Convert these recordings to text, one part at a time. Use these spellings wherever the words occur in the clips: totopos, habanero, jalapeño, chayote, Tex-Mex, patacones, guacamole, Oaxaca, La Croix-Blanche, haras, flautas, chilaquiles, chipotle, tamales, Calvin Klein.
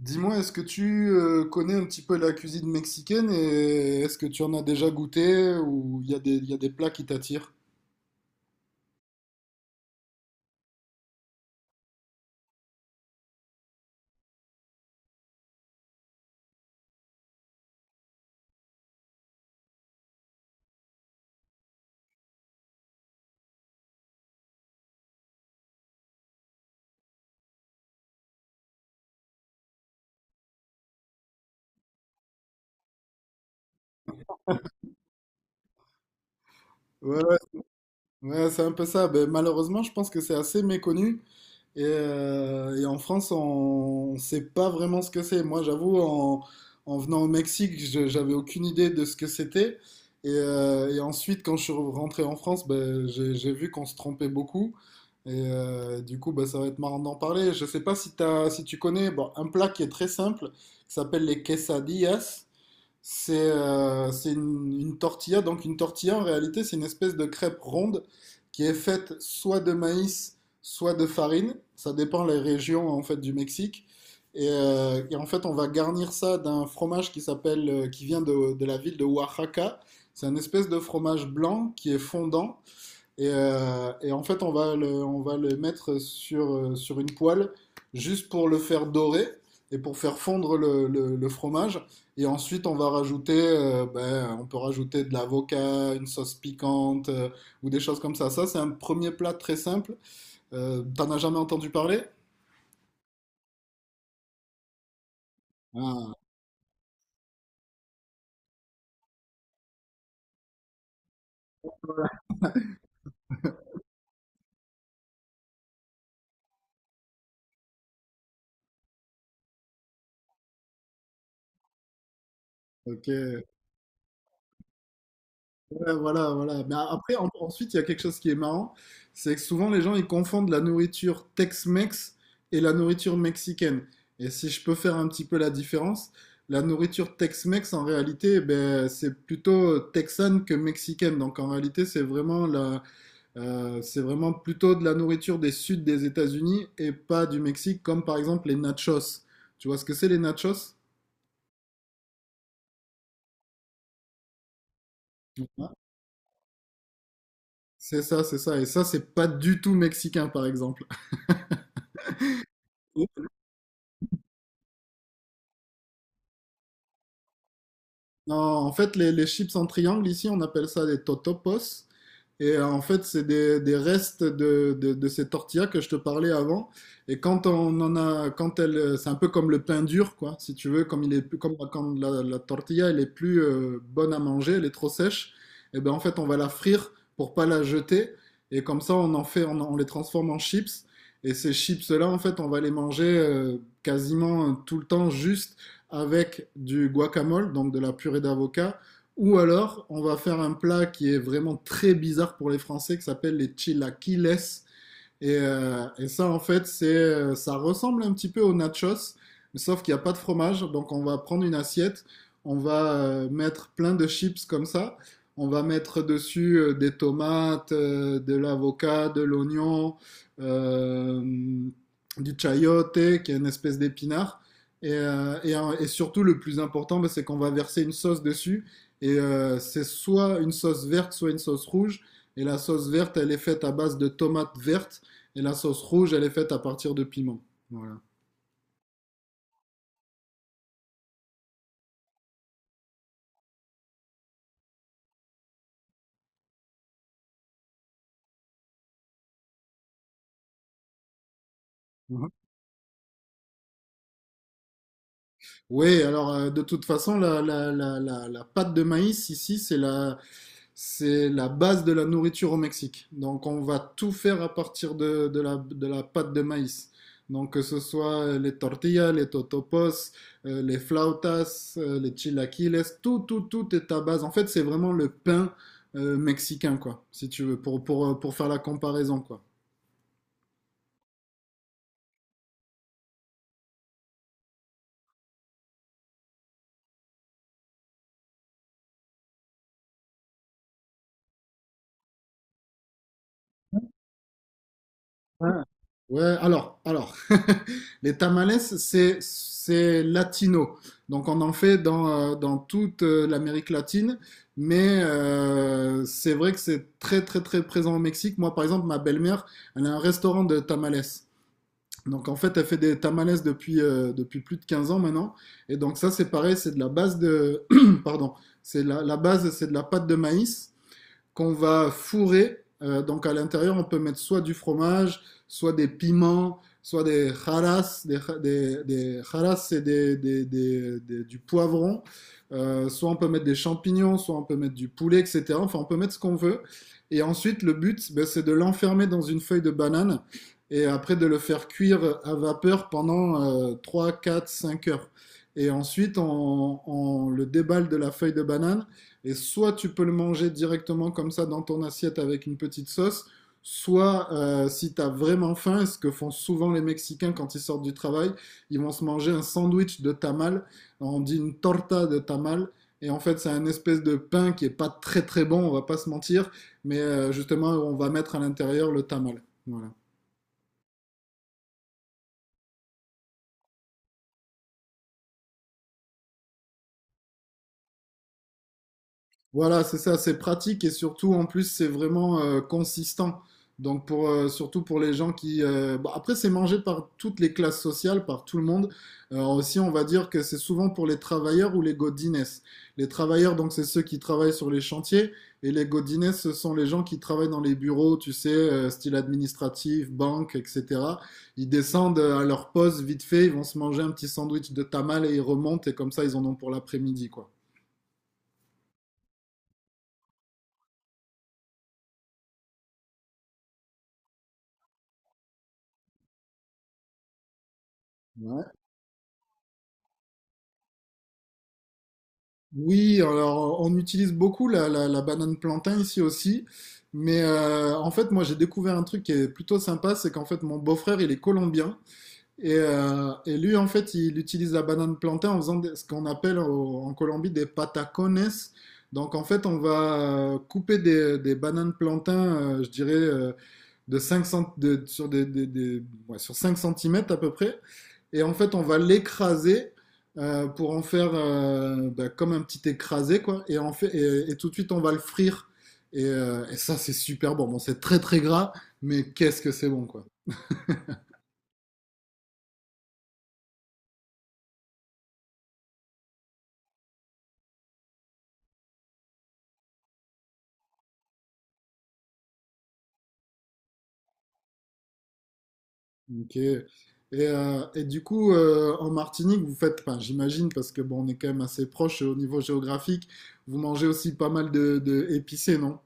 Dis-moi, est-ce que tu connais un petit peu la cuisine mexicaine et est-ce que tu en as déjà goûté ou il y a il y a des plats qui t'attirent? Ouais, ouais, ouais, c'est un peu ça. Ben, malheureusement, je pense que c'est assez méconnu. Et en France, on ne sait pas vraiment ce que c'est. Moi, j'avoue, en venant au Mexique, j'avais aucune idée de ce que c'était. Et ensuite, quand je suis rentré en France, ben, j'ai vu qu'on se trompait beaucoup. Et du coup, ben, ça va être marrant d'en parler. Je ne sais pas si si tu connais bon, un plat qui est très simple, qui s'appelle les quesadillas. C'est une tortilla. Donc une tortilla, en réalité, c'est une espèce de crêpe ronde qui est faite soit de maïs, soit de farine. Ça dépend les régions en fait du Mexique. Et en fait, on va garnir ça d'un fromage qui s'appelle, qui vient de la ville de Oaxaca. C'est un espèce de fromage blanc qui est fondant et en fait, on va le mettre sur une poêle juste pour le faire dorer et pour faire fondre le fromage. Et ensuite, on va rajouter, ben, on peut rajouter de l'avocat, une sauce piquante ou des choses comme ça. Ça, c'est un premier plat très simple. T'en as jamais entendu parler? Ah, ok. Ouais, voilà, voilà. Mais après, ensuite, il y a quelque chose qui est marrant, c'est que souvent les gens ils confondent la nourriture Tex-Mex et la nourriture mexicaine. Et si je peux faire un petit peu la différence, la nourriture Tex-Mex en réalité, ben, c'est plutôt texane que mexicaine. Donc en réalité, c'est vraiment c'est vraiment plutôt de la nourriture des suds des États-Unis et pas du Mexique, comme par exemple les nachos. Tu vois ce que c'est les nachos? Ouais. C'est ça, c'est ça. Et ça, c'est pas du tout mexicain, par exemple. Non, en fait, les chips en triangle, ici, on appelle ça des totopos. Et en fait, c'est des restes de ces tortillas que je te parlais avant. Et quand on en a, quand elle, c'est un peu comme le pain dur, quoi, si tu veux, comme il est, comme quand la tortilla, elle est plus bonne à manger, elle est trop sèche. Et ben en fait, on va la frire pour pas la jeter. Et comme ça, on les transforme en chips. Et ces chips-là, en fait, on va les manger quasiment tout le temps juste avec du guacamole, donc de la purée d'avocat. Ou alors, on va faire un plat qui est vraiment très bizarre pour les Français, qui s'appelle les chilaquiles. Et ça, en fait, ça ressemble un petit peu aux nachos, mais sauf qu'il n'y a pas de fromage. Donc, on va prendre une assiette, on va mettre plein de chips comme ça. On va mettre dessus des tomates, de l'avocat, de l'oignon, euh, du chayote, qui est une espèce d'épinard. Et, et surtout, le plus important, bah, c'est qu'on va verser une sauce dessus. Et c'est soit une sauce verte, soit une sauce rouge. Et la sauce verte, elle est faite à base de tomates vertes et la sauce rouge, elle est faite à partir de piment. Voilà. Mhm. Oui, alors de toute façon, la pâte de maïs ici, c'est la base de la nourriture au Mexique. Donc on va tout faire à partir de de la pâte de maïs. Donc que ce soit les tortillas, les totopos, les flautas, les chilaquiles, tout est à base. En fait, c'est vraiment le pain mexicain, quoi, si tu veux, pour faire la comparaison, quoi. Ouais, ouais, alors, les tamales, c'est latino. Donc on en fait dans toute l'Amérique latine, mais c'est vrai que c'est très présent au Mexique. Moi, par exemple, ma belle-mère, elle a un restaurant de tamales. Donc en fait, elle fait des tamales depuis, depuis plus de 15 ans maintenant. Et donc ça, c'est pareil, c'est de la base de... Pardon, c'est la base, c'est de la pâte de maïs qu'on va fourrer. Donc à l'intérieur, on peut mettre soit du fromage, soit des piments, soit des haras, des haras, c'est du poivron, soit on peut mettre des champignons, soit on peut mettre du poulet, etc. Enfin, on peut mettre ce qu'on veut. Et ensuite, le but, ben, c'est de l'enfermer dans une feuille de banane et après de le faire cuire à vapeur pendant 3, 4, 5 heures. Et ensuite, on le déballe de la feuille de banane et soit tu peux le manger directement comme ça dans ton assiette avec une petite sauce, soit si tu as vraiment faim, et ce que font souvent les Mexicains quand ils sortent du travail, ils vont se manger un sandwich de tamal, on dit une torta de tamal, et en fait c'est un espèce de pain qui est pas très très bon, on va pas se mentir, mais justement on va mettre à l'intérieur le tamal. Voilà. Voilà, c'est ça, c'est pratique et surtout en plus c'est vraiment consistant. Donc pour surtout pour les gens qui bon, après c'est mangé par toutes les classes sociales, par tout le monde. Aussi on va dire que c'est souvent pour les travailleurs ou les godines. Les travailleurs donc c'est ceux qui travaillent sur les chantiers et les godines ce sont les gens qui travaillent dans les bureaux, tu sais, style administratif, banque, etc. Ils descendent à leur pause vite fait, ils vont se manger un petit sandwich de tamal et ils remontent et comme ça ils en ont pour l'après-midi quoi. Ouais. Oui, alors on utilise beaucoup la banane plantain ici aussi, mais en fait moi j'ai découvert un truc qui est plutôt sympa, c'est qu'en fait mon beau-frère il est colombien et lui en fait il utilise la banane plantain en faisant ce qu'on appelle en Colombie des patacones. Donc en fait on va couper des bananes plantain, je dirais de 5 cent- de- sur, des- ouais, sur 5 centimètres à peu près. Et en fait, on va l'écraser pour en faire bah, comme un petit écrasé, quoi. Et, en fait, et tout de suite, on va le frire. Et ça, c'est super bon. Bon, c'est très très gras, mais qu'est-ce que c'est bon, quoi. Ok. Et du coup, en Martinique, vous faites, enfin, j'imagine, parce que bon, on est quand même assez proche au niveau géographique, vous mangez aussi pas mal de épicé, non?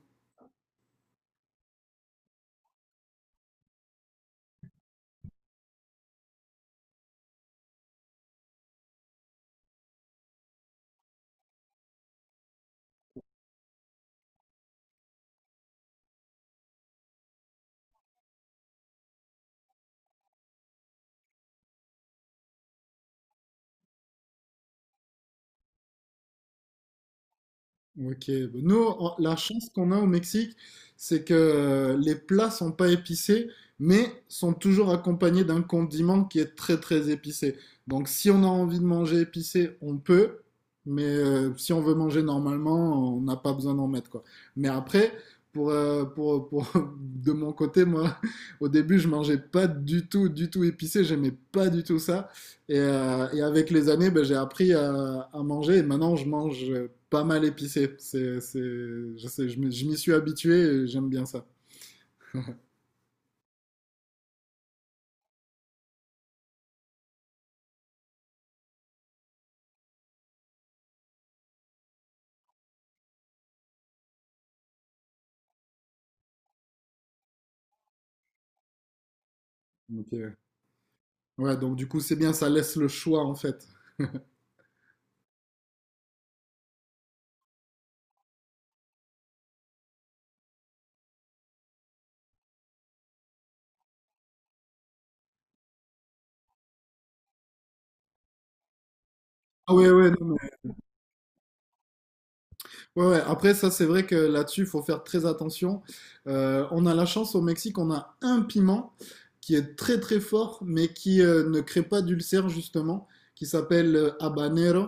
Ok, nous, la chance qu'on a au Mexique, c'est que les plats sont pas épicés, mais sont toujours accompagnés d'un condiment qui est très très épicé. Donc, si on a envie de manger épicé, on peut, mais si on veut manger normalement, on n'a pas besoin d'en mettre quoi. Mais après, pour de mon côté, moi, au début, je mangeais pas du tout, du tout épicé, j'aimais pas du tout ça. Et avec les années, ben, j'ai appris à manger et maintenant je mange pas mal épicé. Je sais, je m'y suis habitué et j'aime bien ça. Donc, ouais, donc du coup, c'est bien, ça laisse le choix en fait. Ah ouais, ouais, non, ouais, ouais. Après, ça, c'est vrai que là-dessus, il faut faire très attention. On a la chance au Mexique, on a un piment qui est très très fort, mais qui ne crée pas d'ulcère justement, qui s'appelle habanero.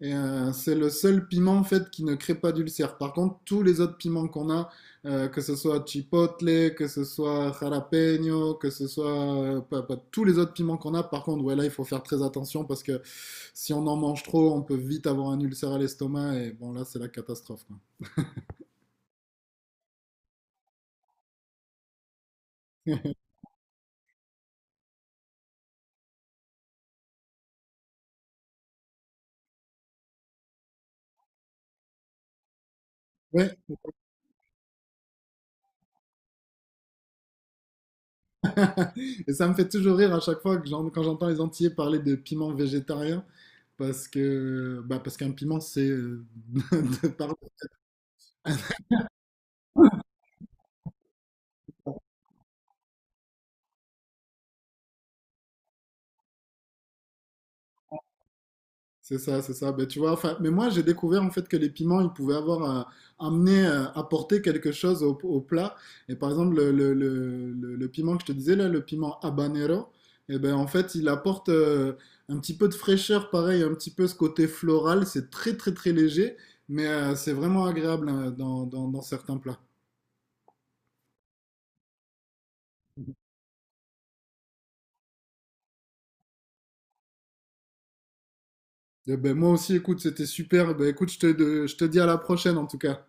Et c'est le seul piment en fait qui ne crée pas d'ulcère. Par contre, tous les autres piments qu'on a, que ce soit chipotle, que ce soit jalapeño, que ce soit tous les autres piments qu'on a. Par contre, ouais, là, il faut faire très attention parce que si on en mange trop, on peut vite avoir un ulcère à l'estomac et bon, là, c'est la catastrophe, quoi. Ouais. Et ça me fait toujours rire à chaque fois que quand j'entends les Antillais parler de piments végétariens parce que bah parce qu'un piment c'est de par C'est ça, c'est ça. Ben, tu vois, enfin, mais moi, j'ai découvert en fait que les piments, ils pouvaient avoir apporter quelque chose au plat. Et par exemple, le piment que je te disais là, le piment habanero, et ben en fait, il apporte un petit peu de fraîcheur, pareil, un petit peu ce côté floral. C'est très léger, mais c'est vraiment agréable hein, dans certains plats. Et ben moi aussi, écoute, c'était super. Ben écoute, je te dis à la prochaine en tout cas.